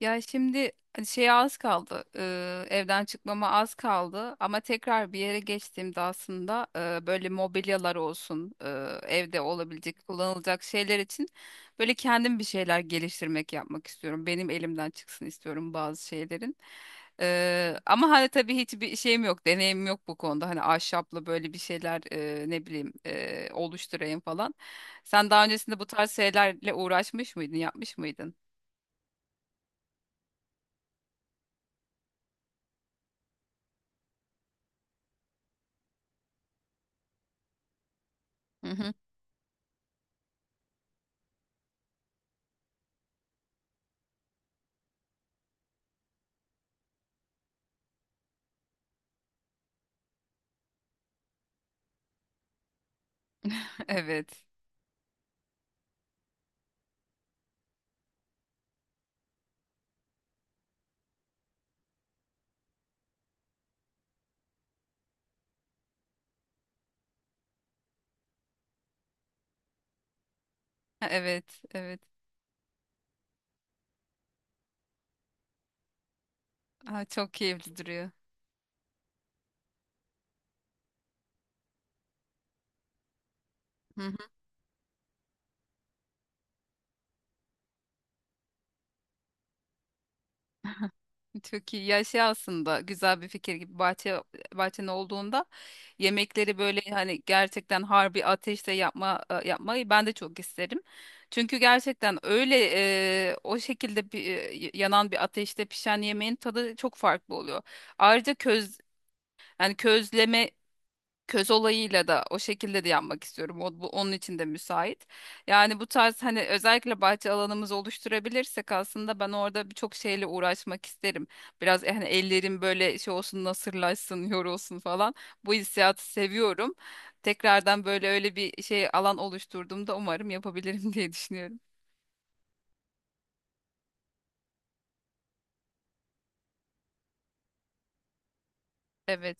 Ya şimdi hani şeye az kaldı. Evden çıkmama az kaldı. Ama tekrar bir yere geçtiğimde aslında böyle mobilyalar olsun, evde olabilecek, kullanılacak şeyler için böyle kendim bir şeyler geliştirmek yapmak istiyorum. Benim elimden çıksın istiyorum bazı şeylerin. Ama hani tabii hiçbir şeyim yok, deneyimim yok bu konuda. Hani ahşapla böyle bir şeyler ne bileyim oluşturayım falan. Sen daha öncesinde bu tarz şeylerle uğraşmış mıydın, yapmış mıydın? Hı hı. Evet. Evet, evet. Aa, çok keyifli duruyor. Hı hı, çok iyi. Ya şey aslında güzel bir fikir gibi bahçen olduğunda yemekleri böyle hani gerçekten harbi ateşte yapmayı ben de çok isterim. Çünkü gerçekten öyle o şekilde bir, yanan bir ateşte pişen yemeğin tadı çok farklı oluyor. Ayrıca köz yani közleme köz olayıyla da o şekilde de yapmak istiyorum. O, bu, onun için de müsait. Yani bu tarz hani özellikle bahçe alanımızı oluşturabilirsek aslında ben orada birçok şeyle uğraşmak isterim. Biraz hani ellerim böyle şey olsun nasırlaşsın, yorulsun falan. Bu hissiyatı seviyorum. Tekrardan böyle öyle bir şey alan oluşturduğumda umarım yapabilirim diye düşünüyorum. Evet,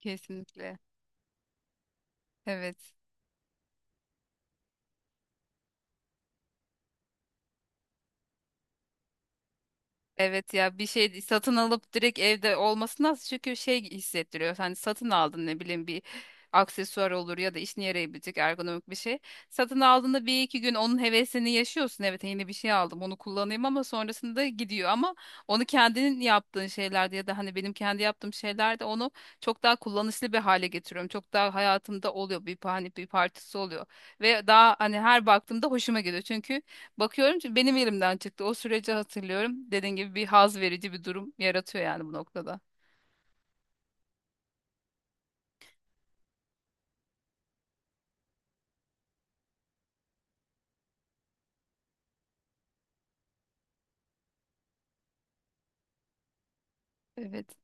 kesinlikle. Evet. Evet ya, bir şey satın alıp direkt evde olması nasıl çünkü şey hissettiriyor. Hani satın aldın ne bileyim bir aksesuar olur ya da işine yarayabilecek ergonomik bir şey. Satın aldığında bir iki gün onun hevesini yaşıyorsun. Evet yeni bir şey aldım onu kullanayım ama sonrasında gidiyor ama onu kendinin yaptığın şeylerde ya da hani benim kendi yaptığım şeylerde onu çok daha kullanışlı bir hale getiriyorum. Çok daha hayatımda oluyor bir, hani bir parçası oluyor ve daha hani her baktığımda hoşuma gidiyor çünkü bakıyorum ki benim elimden çıktı. O süreci hatırlıyorum. Dediğin gibi bir haz verici bir durum yaratıyor yani bu noktada. Evet.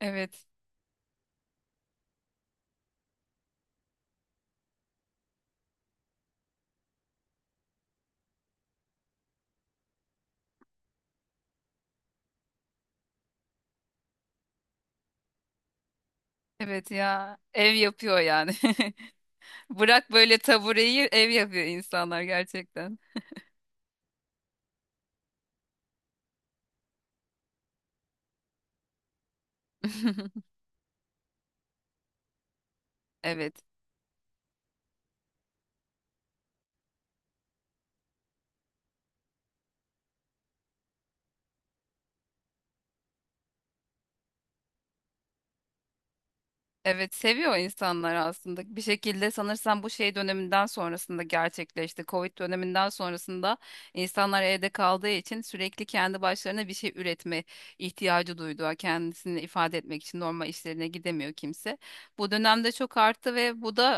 Evet. Evet ya. Ev yapıyor yani. Bırak böyle tabureyi ev yapıyor insanlar gerçekten. Evet. Evet seviyor insanlar aslında. Bir şekilde sanırsam bu şey döneminden sonrasında gerçekleşti. Covid döneminden sonrasında insanlar evde kaldığı için sürekli kendi başlarına bir şey üretme ihtiyacı duydu. Kendisini ifade etmek için normal işlerine gidemiyor kimse. Bu dönemde çok arttı ve bu da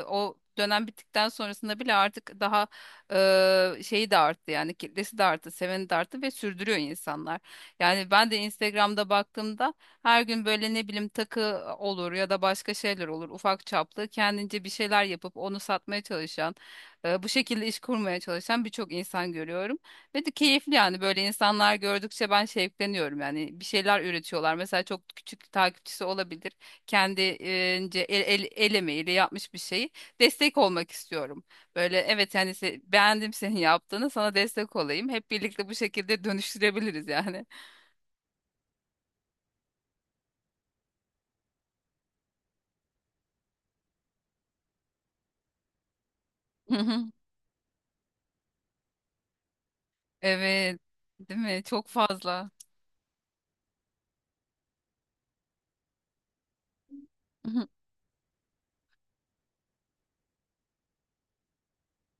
o dönem bittikten sonrasında bile artık daha şeyi de arttı yani kitlesi de arttı, seveni de arttı ve sürdürüyor insanlar. Yani ben de Instagram'da baktığımda her gün böyle ne bileyim takı olur ya da başka şeyler olur ufak çaplı kendince bir şeyler yapıp onu satmaya çalışan, bu şekilde iş kurmaya çalışan birçok insan görüyorum ve de keyifli yani böyle insanlar gördükçe ben şevkleniyorum yani bir şeyler üretiyorlar mesela çok küçük takipçisi olabilir kendince el emeğiyle yapmış bir şeyi destek olmak istiyorum böyle evet yani beğendim senin yaptığını sana destek olayım hep birlikte bu şekilde dönüştürebiliriz yani. Evet, değil mi? Çok fazla. Mhm.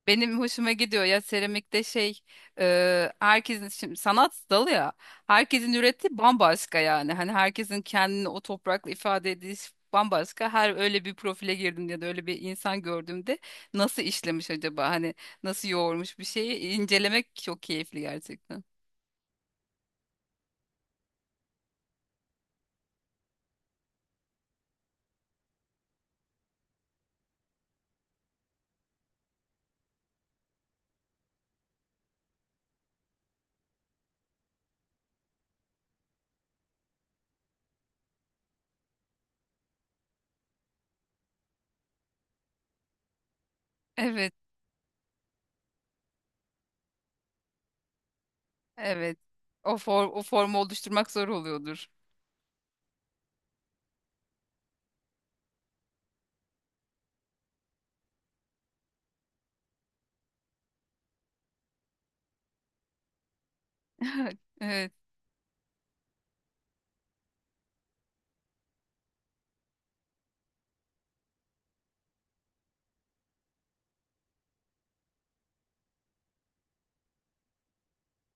Benim hoşuma gidiyor ya seramikte şey herkesin şimdi sanat dalı ya herkesin ürettiği bambaşka yani hani herkesin kendini o toprakla ifade edişi bambaşka her öyle bir profile girdim ya da öyle bir insan gördüğümde nasıl işlemiş acaba hani nasıl yoğurmuş bir şeyi incelemek çok keyifli gerçekten. Evet, evet, o formu oluşturmak zor oluyordur. Evet.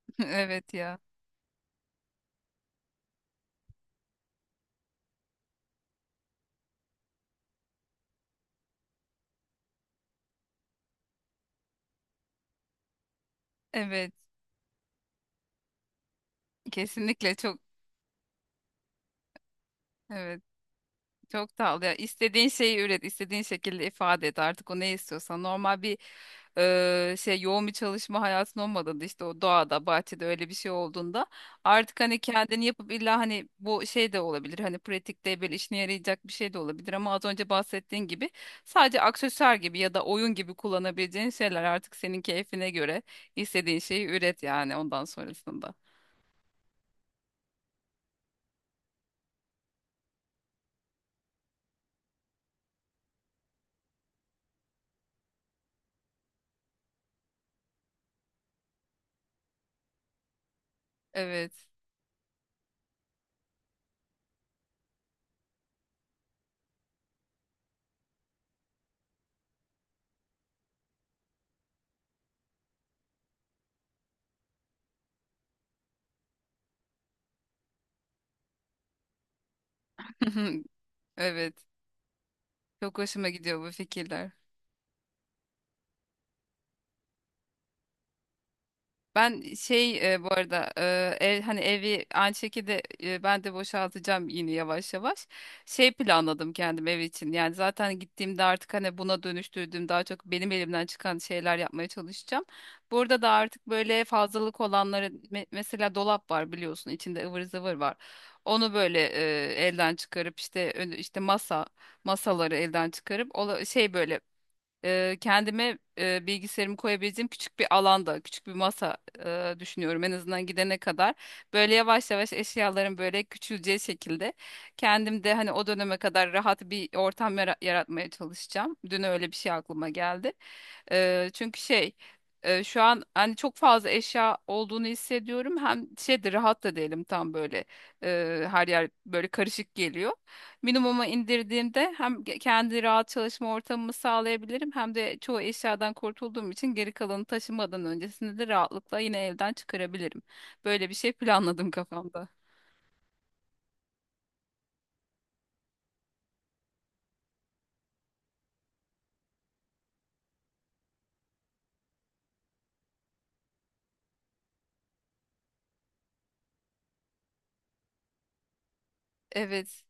Evet ya, evet kesinlikle çok. Evet, çok tatlı. Ya, istediğin şeyi üret, istediğin şekilde ifade et. Artık o ne istiyorsan. Normal bir şey yoğun bir çalışma hayatın olmadığında işte o doğada, bahçede öyle bir şey olduğunda artık hani kendini yapıp illa hani bu şey de olabilir. Hani pratikte böyle işine yarayacak bir şey de olabilir ama az önce bahsettiğin gibi sadece aksesuar gibi ya da oyun gibi kullanabileceğin şeyler artık senin keyfine göre istediğin şeyi üret yani ondan sonrasında. Evet. Evet. Çok hoşuma gidiyor bu fikirler. Ben şey bu arada e, ev hani evi aynı şekilde ben de boşaltacağım yine yavaş yavaş. Şey planladım kendim ev için. Yani zaten gittiğimde artık hani buna dönüştürdüğüm daha çok benim elimden çıkan şeyler yapmaya çalışacağım. Burada da artık böyle fazlalık olanları mesela dolap var biliyorsun içinde ıvır zıvır var. Onu böyle elden çıkarıp işte işte masaları elden çıkarıp şey böyle kendime bilgisayarımı koyabileceğim küçük bir alanda, küçük bir masa düşünüyorum en azından gidene kadar. Böyle yavaş yavaş eşyaların böyle küçüleceği şekilde kendim de hani o döneme kadar rahat bir ortam yaratmaya çalışacağım. Dün öyle bir şey aklıma geldi. Çünkü şey şu an hani çok fazla eşya olduğunu hissediyorum. Hem şey de rahat da değilim tam böyle her yer böyle karışık geliyor. Minimuma indirdiğimde hem kendi rahat çalışma ortamımı sağlayabilirim hem de çoğu eşyadan kurtulduğum için geri kalanı taşımadan öncesinde de rahatlıkla yine evden çıkarabilirim. Böyle bir şey planladım kafamda. Evet.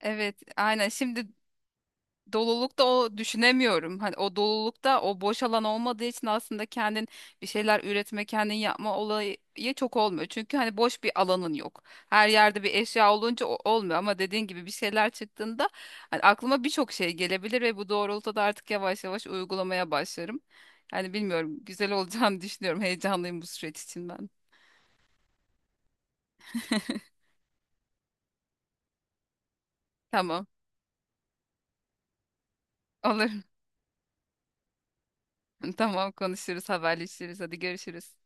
Evet, aynen. Şimdi dolulukta o düşünemiyorum. Hani o dolulukta o boş alan olmadığı için aslında kendin bir şeyler üretme, kendin yapma olayı çok olmuyor. Çünkü hani boş bir alanın yok. Her yerde bir eşya olunca olmuyor ama dediğin gibi bir şeyler çıktığında hani aklıma birçok şey gelebilir ve bu doğrultuda artık yavaş yavaş uygulamaya başlarım. Yani bilmiyorum güzel olacağını düşünüyorum. Heyecanlıyım bu süreç için ben. Tamam. Olur. Tamam konuşuruz, haberleşiriz. Hadi görüşürüz.